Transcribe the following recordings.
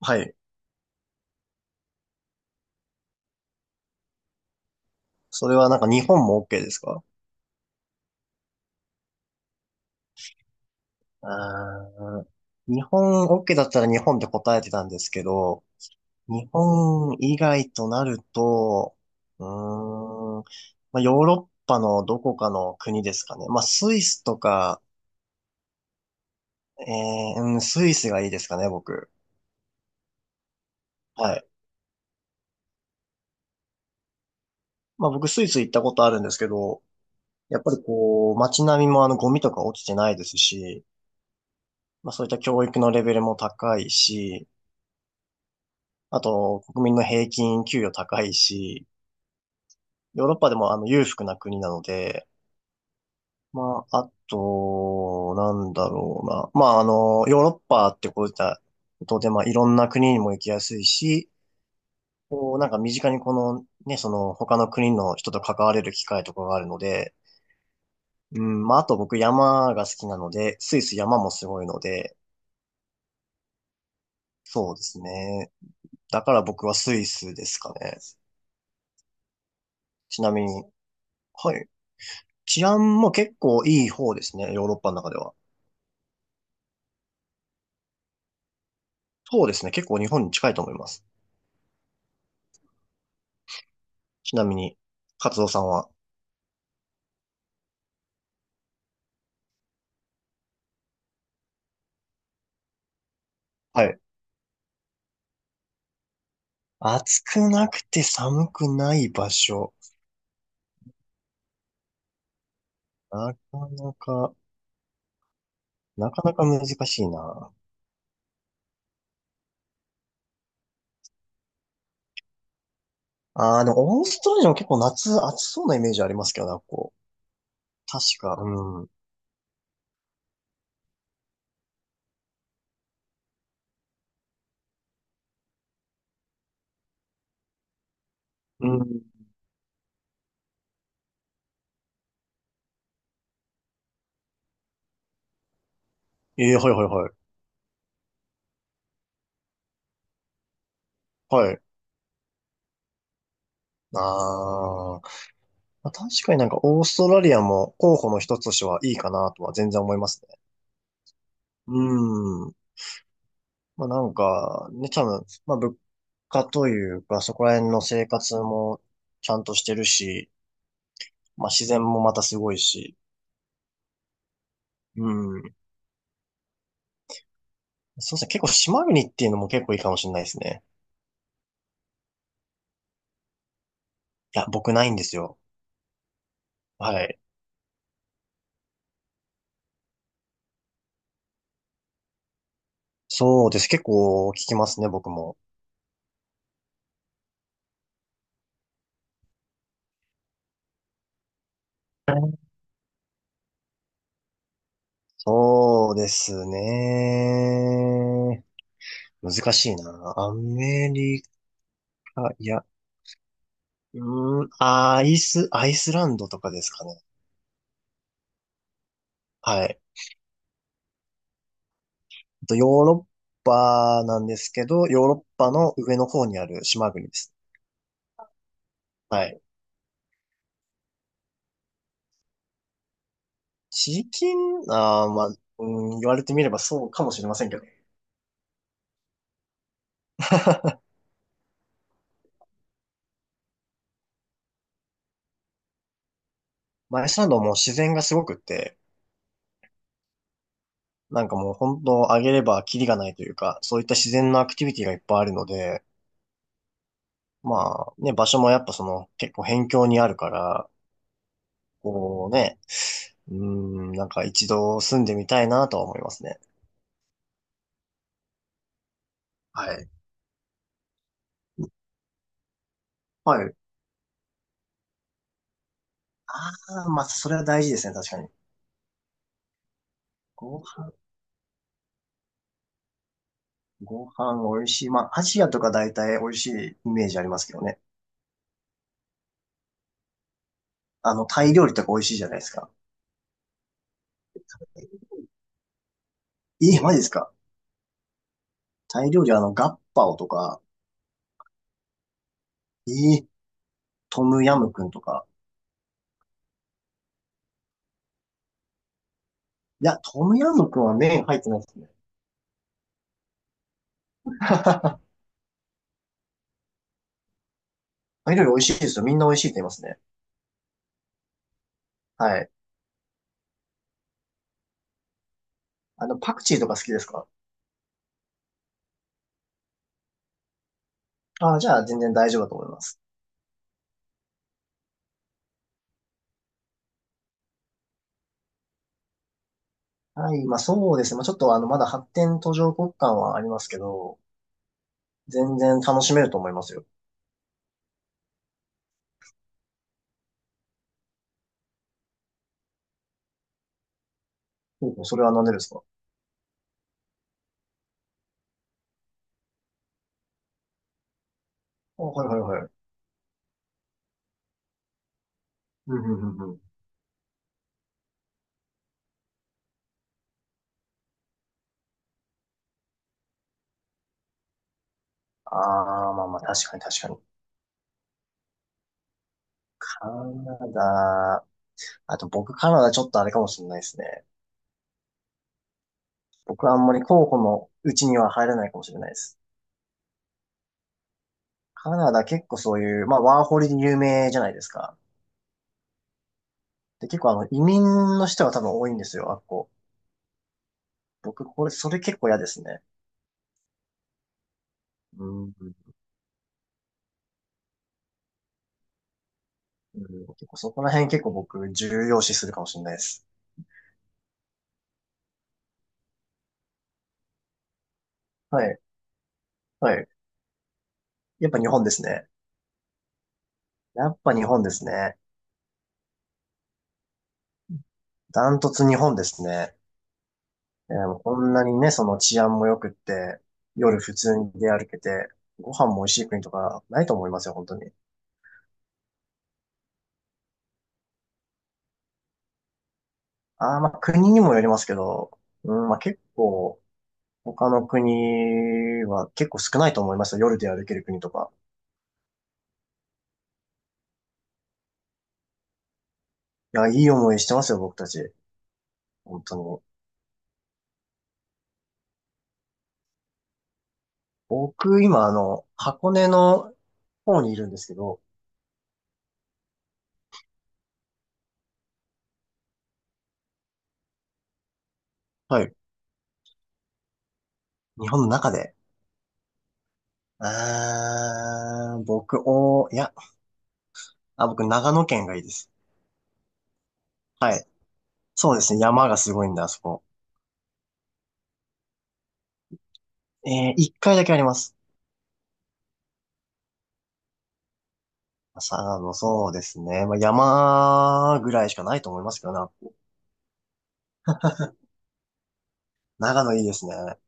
はい。それはなんか日本も OK ですか？あー日本 OK だったら日本で答えてたんですけど、日本以外となると、うーん、まあ、ヨーロッパのどこかの国ですかね。まあ、スイスとか、えうん、スイスがいいですかね、僕。はい。まあ、僕スイス行ったことあるんですけど、やっぱりこう、街並みもゴミとか落ちてないですし、まあ、そういった教育のレベルも高いし、あと、国民の平均給与高いし、ヨーロッパでも裕福な国なので、まあ、あと、なんだろうな。まあ、ヨーロッパってこういったことで、まあ、いろんな国にも行きやすいし、こう、なんか身近にこの、ね、その、他の国の人と関われる機会とかがあるので、うん、まあ、あと僕山が好きなので、スイス山もすごいので、そうですね。だから僕はスイスですかね。ちなみに、はい。治安も結構いい方ですね、ヨーロッパの中では。そうですね、結構日本に近いと思います。ちなみに、カツオさんは。はい。暑くなくて寒くない場所。なかなか、なかなか難しいな。ああ、でもオーストラリアも結構夏暑そうなイメージありますけどね、こう。確か、うん。うん。ええ、はいはいはい。はい。あーまあ、確かになんかオーストラリアも候補の一つとしてはいいかなとは全然思いますね。うん。まあなんか、ね、多分、まあ物価というか、そこら辺の生活もちゃんとしてるし、まあ自然もまたすごいし、うん。そうですね、結構島国っていうのも結構いいかもしれないですね。いや、僕ないんですよ。はい。そうです。結構聞きますね、僕も。そうですね。難しいな。アメリカ、いや、アイス、アイスランドとかですかね。はい。とヨーロッパなんですけど、ヨーロッパの上の方にある島国です。はい。地域、まあ、う言われてみればそうかもしれませんけど、まあアイスランドも自然がすごくって、なんかもう本当あげればキリがないというか、そういった自然のアクティビティがいっぱいあるので、まあね、場所もやっぱその結構辺境にあるから、こうね、うん、なんか一度住んでみたいなとは思いますね。はい。はい。ああ、まあそれは大事ですね、確かに。ご飯ご飯美味しい。まあ、アジアとか大体美味しいイメージありますけどね。あの、タイ料理とか美味しいじゃないですか。えー、マジですか？タイ料理、ガッパオとか、えー、トムヤムクンとか。いや、トムヤムクンは麺入ってないですね。タイ料理美味しいですよ。みんな美味しいって言いますね。はい。あの、パクチーとか好きですか？ああ、じゃあ全然大丈夫だと思います。はい。まあ、そうですね。まあ、ちょっとまだ発展途上国間はありますけど、全然楽しめると思いますよ。ほうほう、それは何でですか？あ、はいはいはい。うんうんうんうん。ああ、まあまあ、確かに確かに。カナダ、あと僕カナダちょっとあれかもしれないですね。僕はあんまり候補のうちには入らないかもしれないです。カナダ結構そういう、まあワーホリで有名じゃないですか。で、結構移民の人が多分多いんですよ、あっこ。僕、これ、それ結構嫌ですね。うん、結構そこら辺結構僕重要視するかもしれないです。はい、はい。やっぱ日本ですね。やっぱ日本ですね。ダントツ日本ですね。えー、こんなにね、その治安も良くって、夜普通に出歩けて、ご飯も美味しい国とかないと思いますよ、本当に。ああ、まあ国にもよりますけど、うん、まあ結構、他の国は結構少ないと思いますよ、夜で歩ける国とか。いや、いい思いしてますよ、僕たち。本当に。僕、今、箱根の方にいるんですけど、はい。日本の中で。あー、僕、お、いや、あ、僕、長野県がいいです。はい。そうですね、山がすごいんだ、あそこ。えー、一回だけあります。さそうですね。まあ、山ぐらいしかないと思いますけどな。長野いいですね。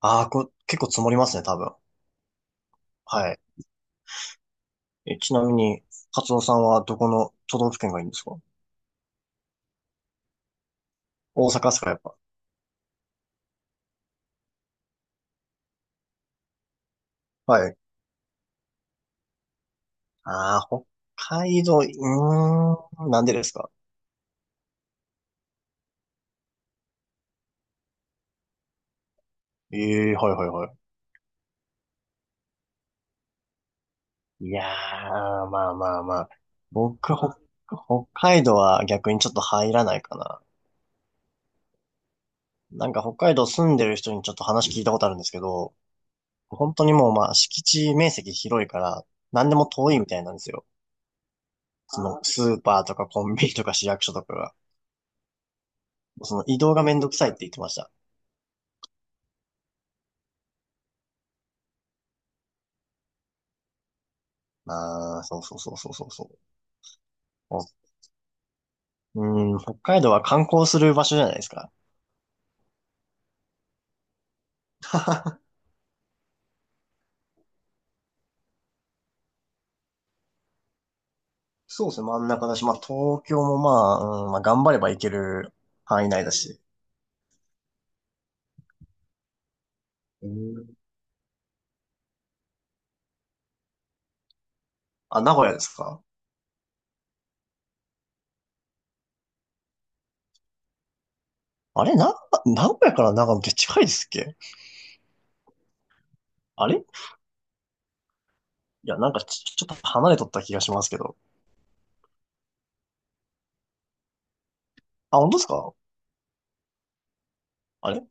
ああ、こ、結構積もりますね、多分。はい。え、ちなみに、カツオさんはどこの都道府県がいいんですか？大阪ですか、やっぱ。はい。ああ、北海道、なんでですか？ええー、はいはいはい。いやー、まあまあまあ。僕、北、北海道は逆にちょっと入らないかな。なんか北海道住んでる人にちょっと話聞いたことあるんですけど、本当にもうまあ敷地面積広いから、何でも遠いみたいなんですよ。そのスーパーとかコンビニとか市役所とかが。その移動がめんどくさいって言ってました。ああ、そうそうそうそうそうそう。うん、北海道は観光する場所じゃないですか。そうですね、真ん中だし、まあ東京もまあ、うん、まあ頑張れば行ける範囲内だし。うん、あ、名古屋ですか？あれな、名古屋から長野って近いですっけ？あれ、いや、なんかち、ちょっと離れとった気がしますけど。あ、本当ですか？あれ、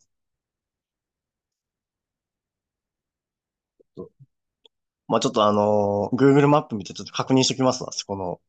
まあちょっとGoogleマップ見てちょっと確認してきますわ、そこの